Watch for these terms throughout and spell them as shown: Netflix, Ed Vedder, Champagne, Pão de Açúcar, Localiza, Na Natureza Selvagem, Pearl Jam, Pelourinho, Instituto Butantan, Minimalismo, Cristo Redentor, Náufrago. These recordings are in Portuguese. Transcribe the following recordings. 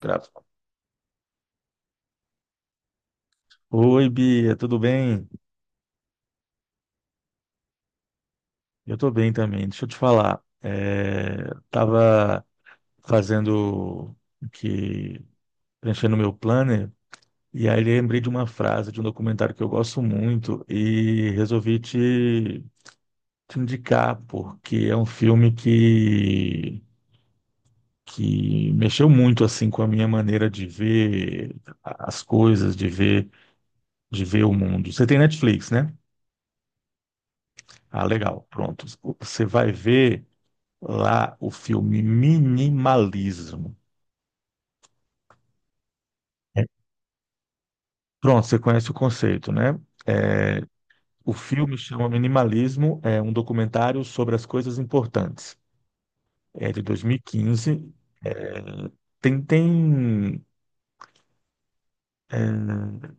Grava. Oi, Bia, tudo bem? Eu tô bem também. Deixa eu te falar. Tava fazendo o que preenchendo meu planner e aí lembrei de uma frase de um documentário que eu gosto muito e resolvi te indicar porque é um filme que mexeu muito assim com a minha maneira de ver as coisas, de ver o mundo. Você tem Netflix, né? Ah, legal. Pronto. Você vai ver lá o filme Minimalismo. É, pronto, você conhece o conceito, né? É, o filme chama Minimalismo, é um documentário sobre as coisas importantes. É de 2015. Tem, tem,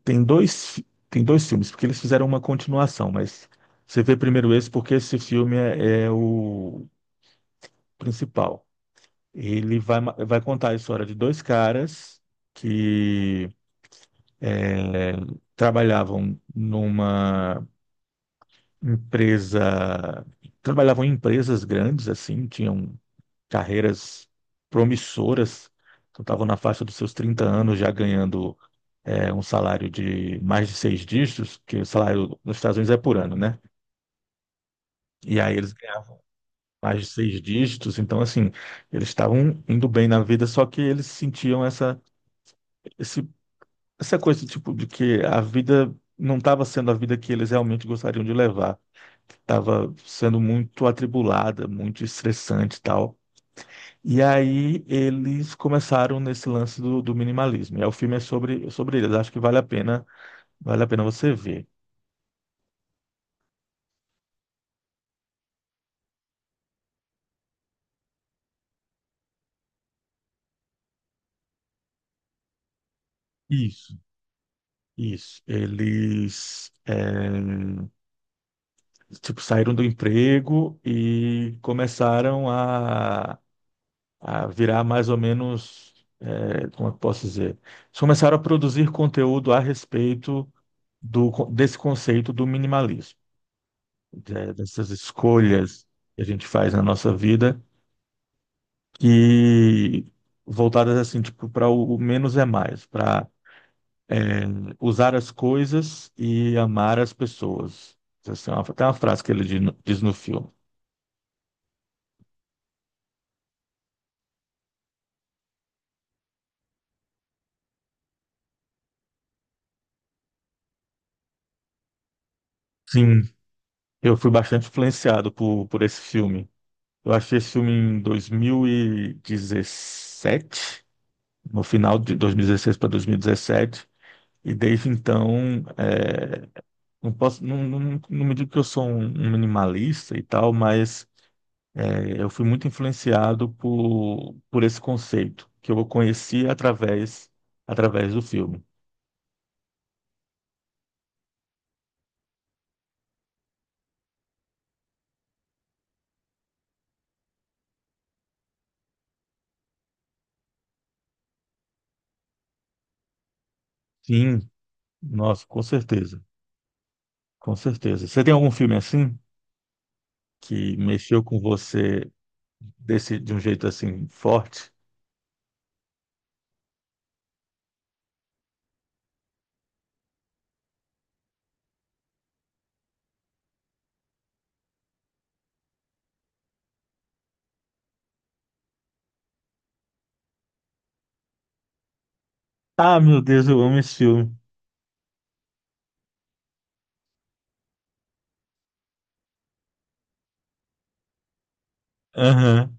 tem tem dois filmes, porque eles fizeram uma continuação, mas você vê primeiro esse, porque esse filme é o principal. Ele vai, vai contar a história de dois caras que é, trabalhavam numa empresa, trabalhavam em empresas grandes, assim, tinham carreiras promissoras, então estavam na faixa dos seus 30 anos já ganhando um salário de mais de seis dígitos, que o salário nos Estados Unidos é por ano, né? E aí eles ganhavam mais de seis dígitos, então assim, eles estavam indo bem na vida, só que eles sentiam esse essa coisa tipo de que a vida não estava sendo a vida que eles realmente gostariam de levar, estava sendo muito atribulada, muito estressante e tal. E aí eles começaram nesse lance do minimalismo. E aí o filme é sobre eles. Acho que vale a pena você ver. Isso, isso. Tipo saíram do emprego e começaram a virar mais ou menos, é, como é que eu posso dizer? Eles começaram a produzir conteúdo a respeito desse conceito do minimalismo, dessas escolhas que a gente faz na nossa vida, que voltadas assim, tipo, para o menos é mais, para usar as coisas e amar as pessoas. Essa é uma, tem uma frase que ele diz no filme. Sim, eu fui bastante influenciado por esse filme. Eu achei esse filme em 2017, no final de 2016 para 2017. E dezessete. E desde então, é, não posso, não, não, não me digo que eu sou um minimalista e tal, mas é, eu fui muito influenciado por esse conceito que eu conheci através, através do filme. Sim, nossa, com certeza, com certeza. Você tem algum filme assim que mexeu com você desse, de um jeito assim forte? Ah, meu Deus, eu amo esse filme. Aham,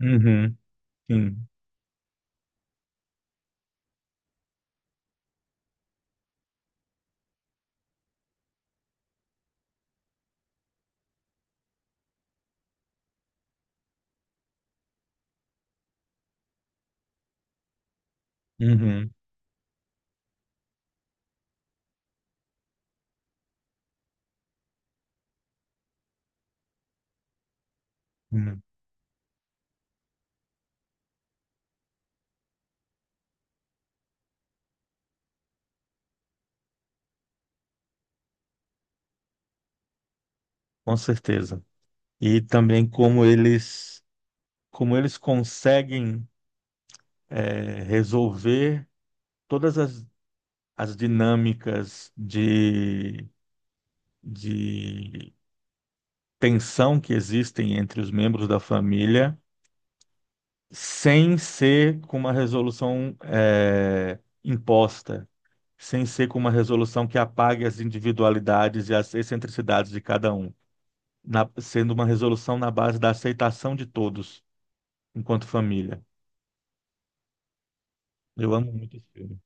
uhum, sim, uhum, uhum, com certeza. E também como eles conseguem resolver todas as, as dinâmicas de tensão que existem entre os membros da família, sem ser com uma resolução imposta, sem ser com uma resolução que apague as individualidades e as excentricidades de cada um. Sendo uma resolução na base da aceitação de todos enquanto família. Eu amo muito esse filme.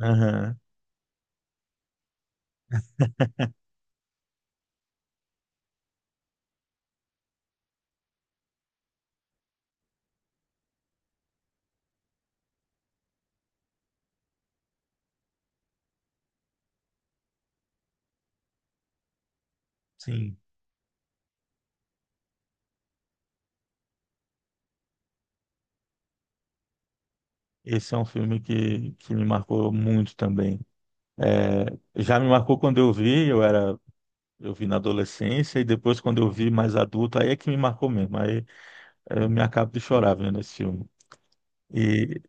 Aham, sim. Esse é um filme que me marcou muito também. É, já me marcou quando eu vi, eu era, eu vi na adolescência, e depois quando eu vi mais adulto, aí é que me marcou mesmo. Aí eu me acabo de chorar vendo esse filme. E,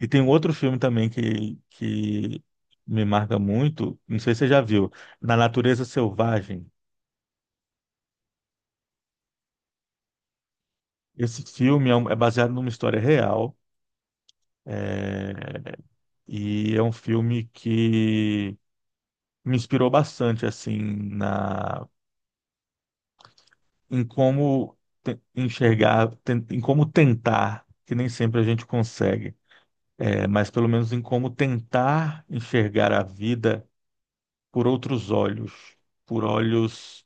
e tem um outro filme também que me marca muito, não sei se você já viu, Na Natureza Selvagem. Esse filme é é baseado numa história real. É, e é um filme que me inspirou bastante assim na em como enxergar, em como tentar, que nem sempre a gente consegue, é, mas pelo menos em como tentar enxergar a vida por outros olhos, por olhos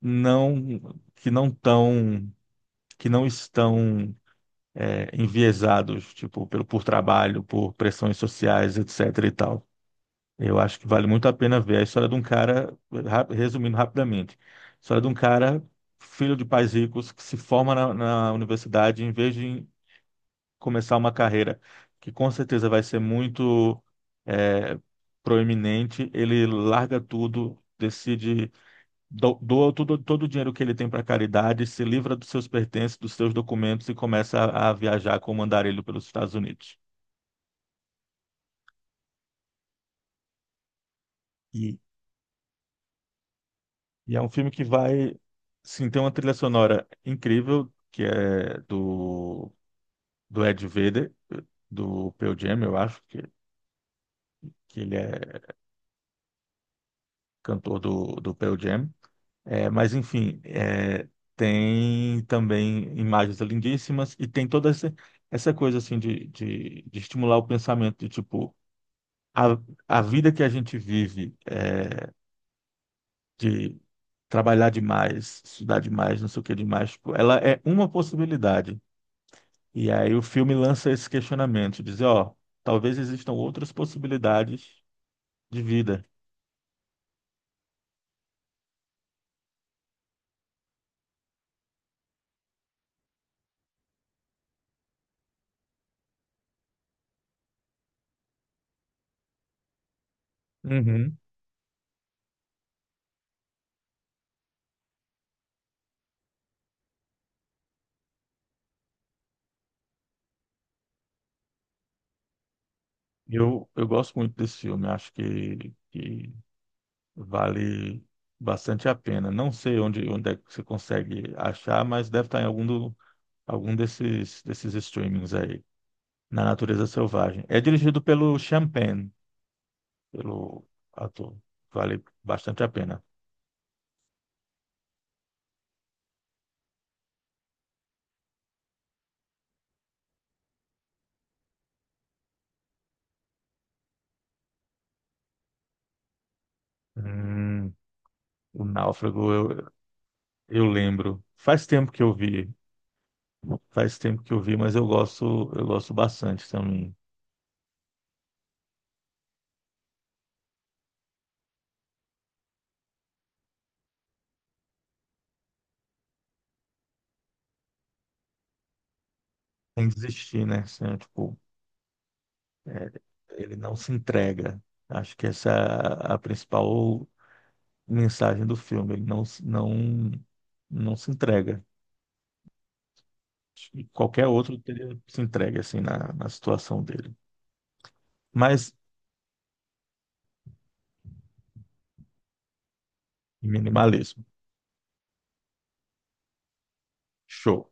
não que não tão que não estão é, enviesados, tipo, por trabalho, por pressões sociais, etc e tal. Eu acho que vale muito a pena ver a história de um cara, resumindo rapidamente, a história de um cara, filho de pais ricos, que se forma na universidade, em vez de começar uma carreira que com certeza vai ser muito eh, proeminente, ele larga tudo, decide, doa tudo, todo o dinheiro que ele tem para caridade, se livra dos seus pertences, dos seus documentos e começa a viajar como andarilho pelos Estados Unidos. E, e é um filme que vai, sim, tem uma trilha sonora incrível, que é do Ed Vedder, do Pearl Jam, eu acho, que ele é cantor do Pearl Jam. É, mas, enfim, é, tem também imagens lindíssimas e tem toda essa coisa, assim, de estimular o pensamento, de, tipo, a, a vida que a gente vive, é, de trabalhar demais, estudar demais, não sei o que demais, tipo, ela é uma possibilidade. E aí o filme lança esse questionamento, dizer, ó, talvez existam outras possibilidades de vida. Uhum. Eu gosto muito desse filme, acho que vale bastante a pena. Não sei onde é que você consegue achar, mas deve estar em algum, algum desses, desses streamings aí, na Natureza Selvagem. É dirigido pelo Champagne, pelo ator. Vale bastante a pena. Hum, o Náufrago, eu lembro. Faz tempo que eu vi, faz tempo que eu vi, mas eu gosto bastante também. Sem desistir, né? Assim, tipo, é, ele não se entrega. Acho que essa é a principal mensagem do filme. Ele não, se- não, não se entrega. Acho que qualquer outro teria se entregue assim na situação dele. Mas minimalismo. Show.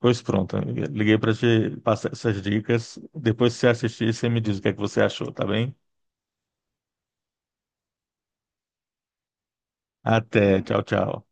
Pois pronto, amiga. Liguei para te passar essas dicas. Depois que você assistir, você me diz o que é que você achou, tá bem? Até. Tchau, tchau.